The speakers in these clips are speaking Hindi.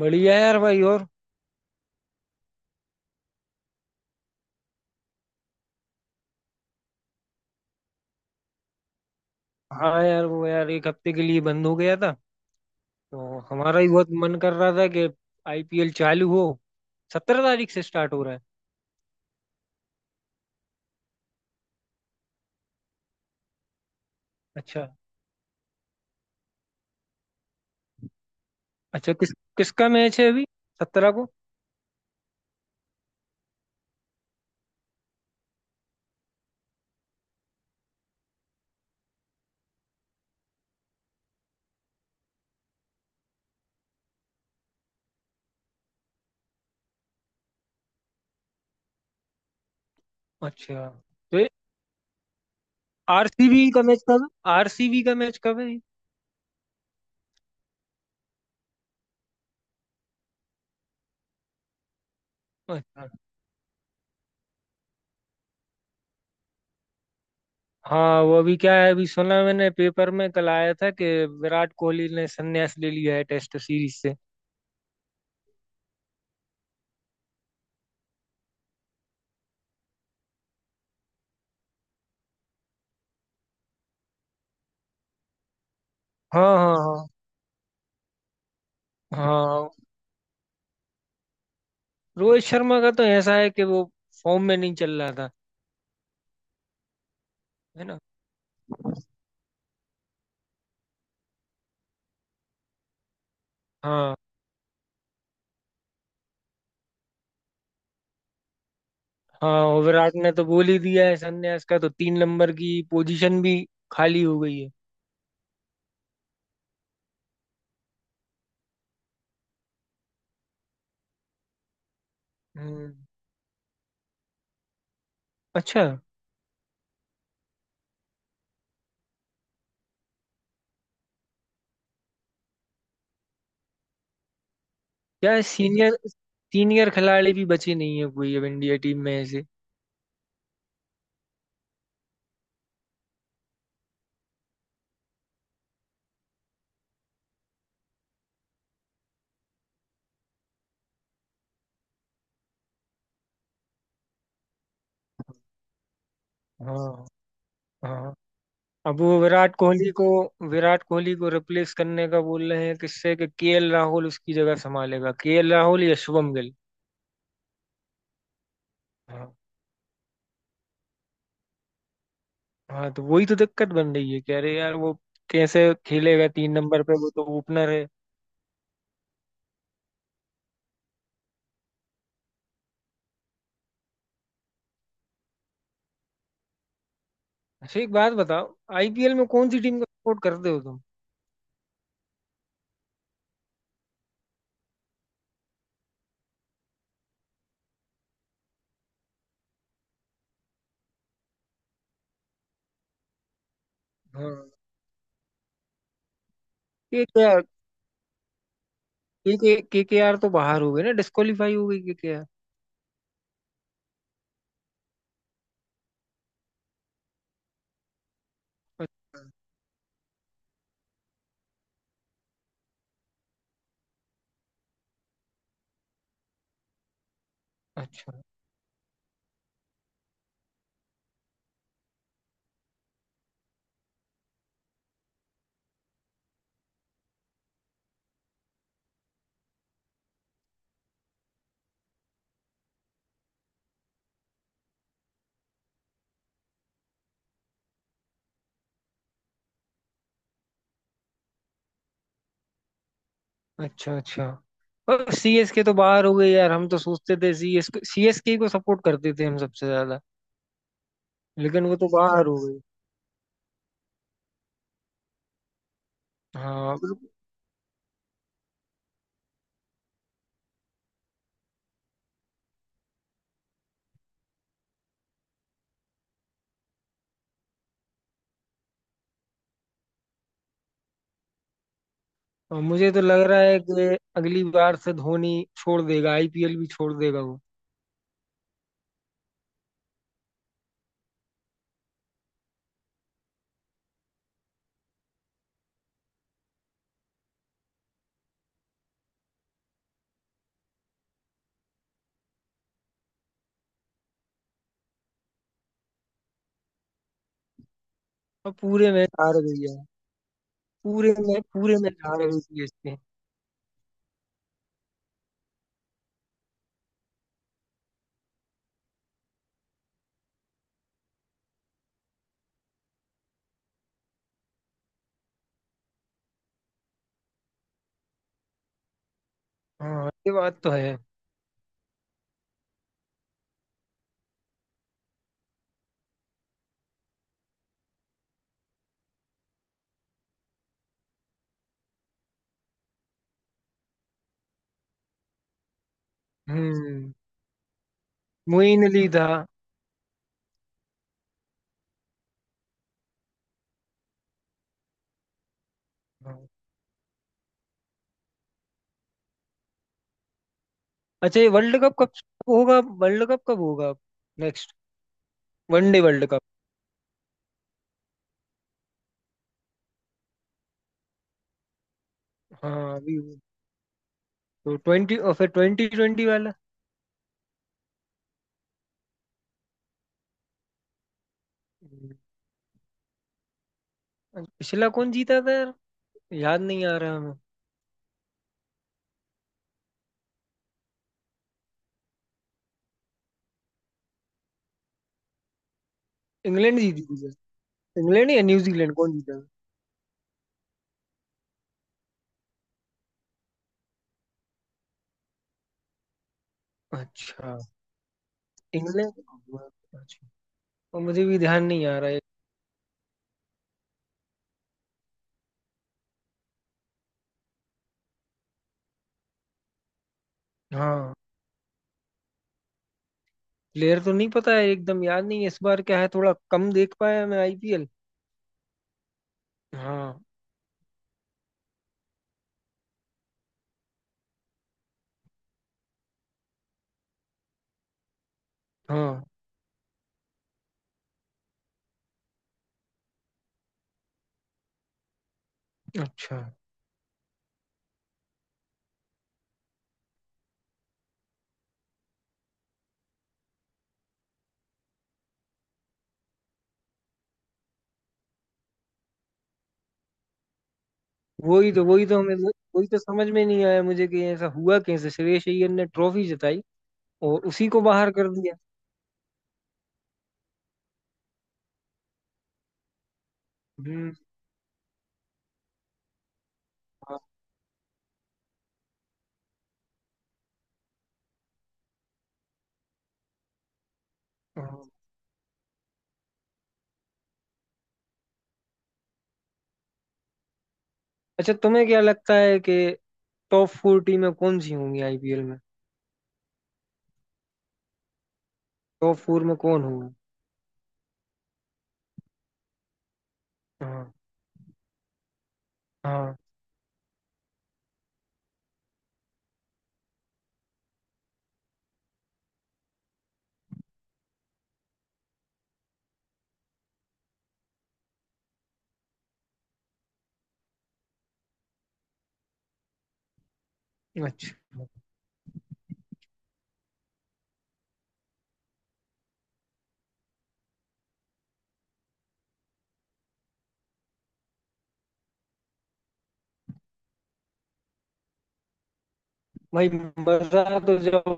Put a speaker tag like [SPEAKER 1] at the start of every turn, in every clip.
[SPEAKER 1] बढ़िया यार, भाई। और हाँ यार, वो यार एक हफ्ते के लिए बंद हो गया था। तो हमारा भी बहुत मन कर रहा था कि आईपीएल चालू हो। 17 तारीख से स्टार्ट हो रहा है। अच्छा। अच्छा, किस किसका मैच है अभी 17 को? अच्छा, तो ये आरसीबी का मैच कब है? आरसीबी का मैच कब है ये? अच्छा। हाँ, वो अभी क्या है, अभी सुना मैंने पेपर में, कल आया था कि विराट कोहली ने संन्यास ले लिया है टेस्ट सीरीज से। हाँ हाँ हाँ। हाँ, रोहित शर्मा का तो ऐसा है कि वो फॉर्म में नहीं चल रहा था, है ना। हाँ। हाँ, और विराट ने तो बोल ही दिया है संन्यास का, तो 3 नंबर की पोजीशन भी खाली हो गई है। हम्म। अच्छा। यार सीनियर सीनियर खिलाड़ी भी बचे नहीं है कोई अब इंडिया टीम में ऐसे। हाँ। हाँ, अब वो विराट कोहली को रिप्लेस करने का बोल रहे हैं किससे, कि केएल राहुल उसकी जगह संभालेगा, केएल राहुल या शुभम गिल। हाँ। हाँ, तो वही तो दिक्कत बन रही है, कह रहे यार वो कैसे खेलेगा 3 नंबर पे, वो तो ओपनर है। अच्छा, एक बात बताओ, आईपीएल में कौन सी टीम का सपोर्ट करते हो तुम? हाँ। केकेआर। केकेआर तो बाहर हो गए ना, डिस्क्वालीफाई हो गई केकेआर। अच्छा। अच्छा। अच्छा, और सीएसके तो बाहर हो गई यार। हम तो सोचते थे सीएसके सीएसके को सपोर्ट करते थे हम सबसे ज्यादा, लेकिन वो तो बाहर हो गई। हाँ। और मुझे तो लग रहा है कि अगली बार से धोनी छोड़ देगा, आईपीएल भी छोड़ देगा वो। और पूरे मैच हार गई है। पूरे में पूरे मैच हार गई सीएसके। हाँ, ये बात तो है। हम्म। मोइन अली था। हाँ। अच्छा, ये वर्ल्ड कप कब होगा? वर्ल्ड कप कब होगा नेक्स्ट? One day world cup? हाँ, तो ट्वेंटी, और फिर ट्वेंटी ट्वेंटी वाला। हम्म। पिछला कौन जीता था यार? याद नहीं आ रहा हमें। इंग्लैंड जीती थी क्या? इंग्लैंड या न्यूजीलैंड कौन जीता था? अच्छा। इंग्लैंड। अच्छा, और मुझे भी ध्यान नहीं आ रहा है। हाँ। प्लेयर तो नहीं पता है, एकदम याद नहीं है। इस बार क्या है, थोड़ा कम देख पाया मैं आईपीएल। हाँ। हाँ। अच्छा। वही तो वही तो हमें वही तो समझ में नहीं आया मुझे कि ऐसा हुआ कैसे, श्रेयस अय्यर ने ट्रॉफी जिताई और उसी को बाहर कर दिया। हम्म। हाँ। हाँ। अच्छा, तुम्हें क्या लगता है कि टॉप फोर टीमें कौन सी होंगी आईपीएल में? टॉप फोर में कौन होगा? हाँ। हाँ। अच्छा। भाई मजा तो जब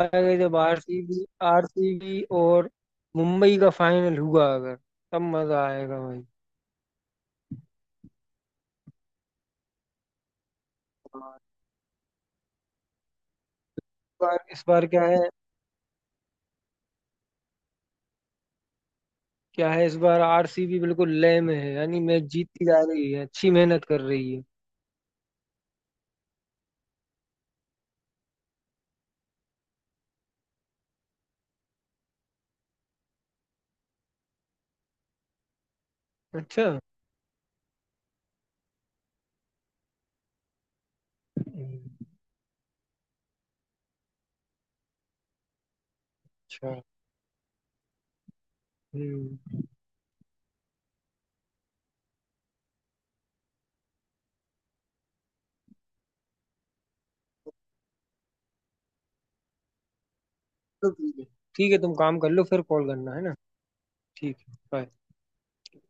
[SPEAKER 1] आएगा जब आरसीबी आरसीबी और मुंबई का फाइनल हुआ अगर, तब मजा आएगा भाई। हाँ, इस बार क्या है? क्या है इस बार, आरसीबी बिल्कुल लय में है, यानी मैच जीतती जा रही है, अच्छी मेहनत कर रही है। अच्छा। हम्म। अच्छा। हम्म। तो ठीक है। ठीक है, तुम काम कर लो, फिर कॉल करना है ना। ठीक है, bye.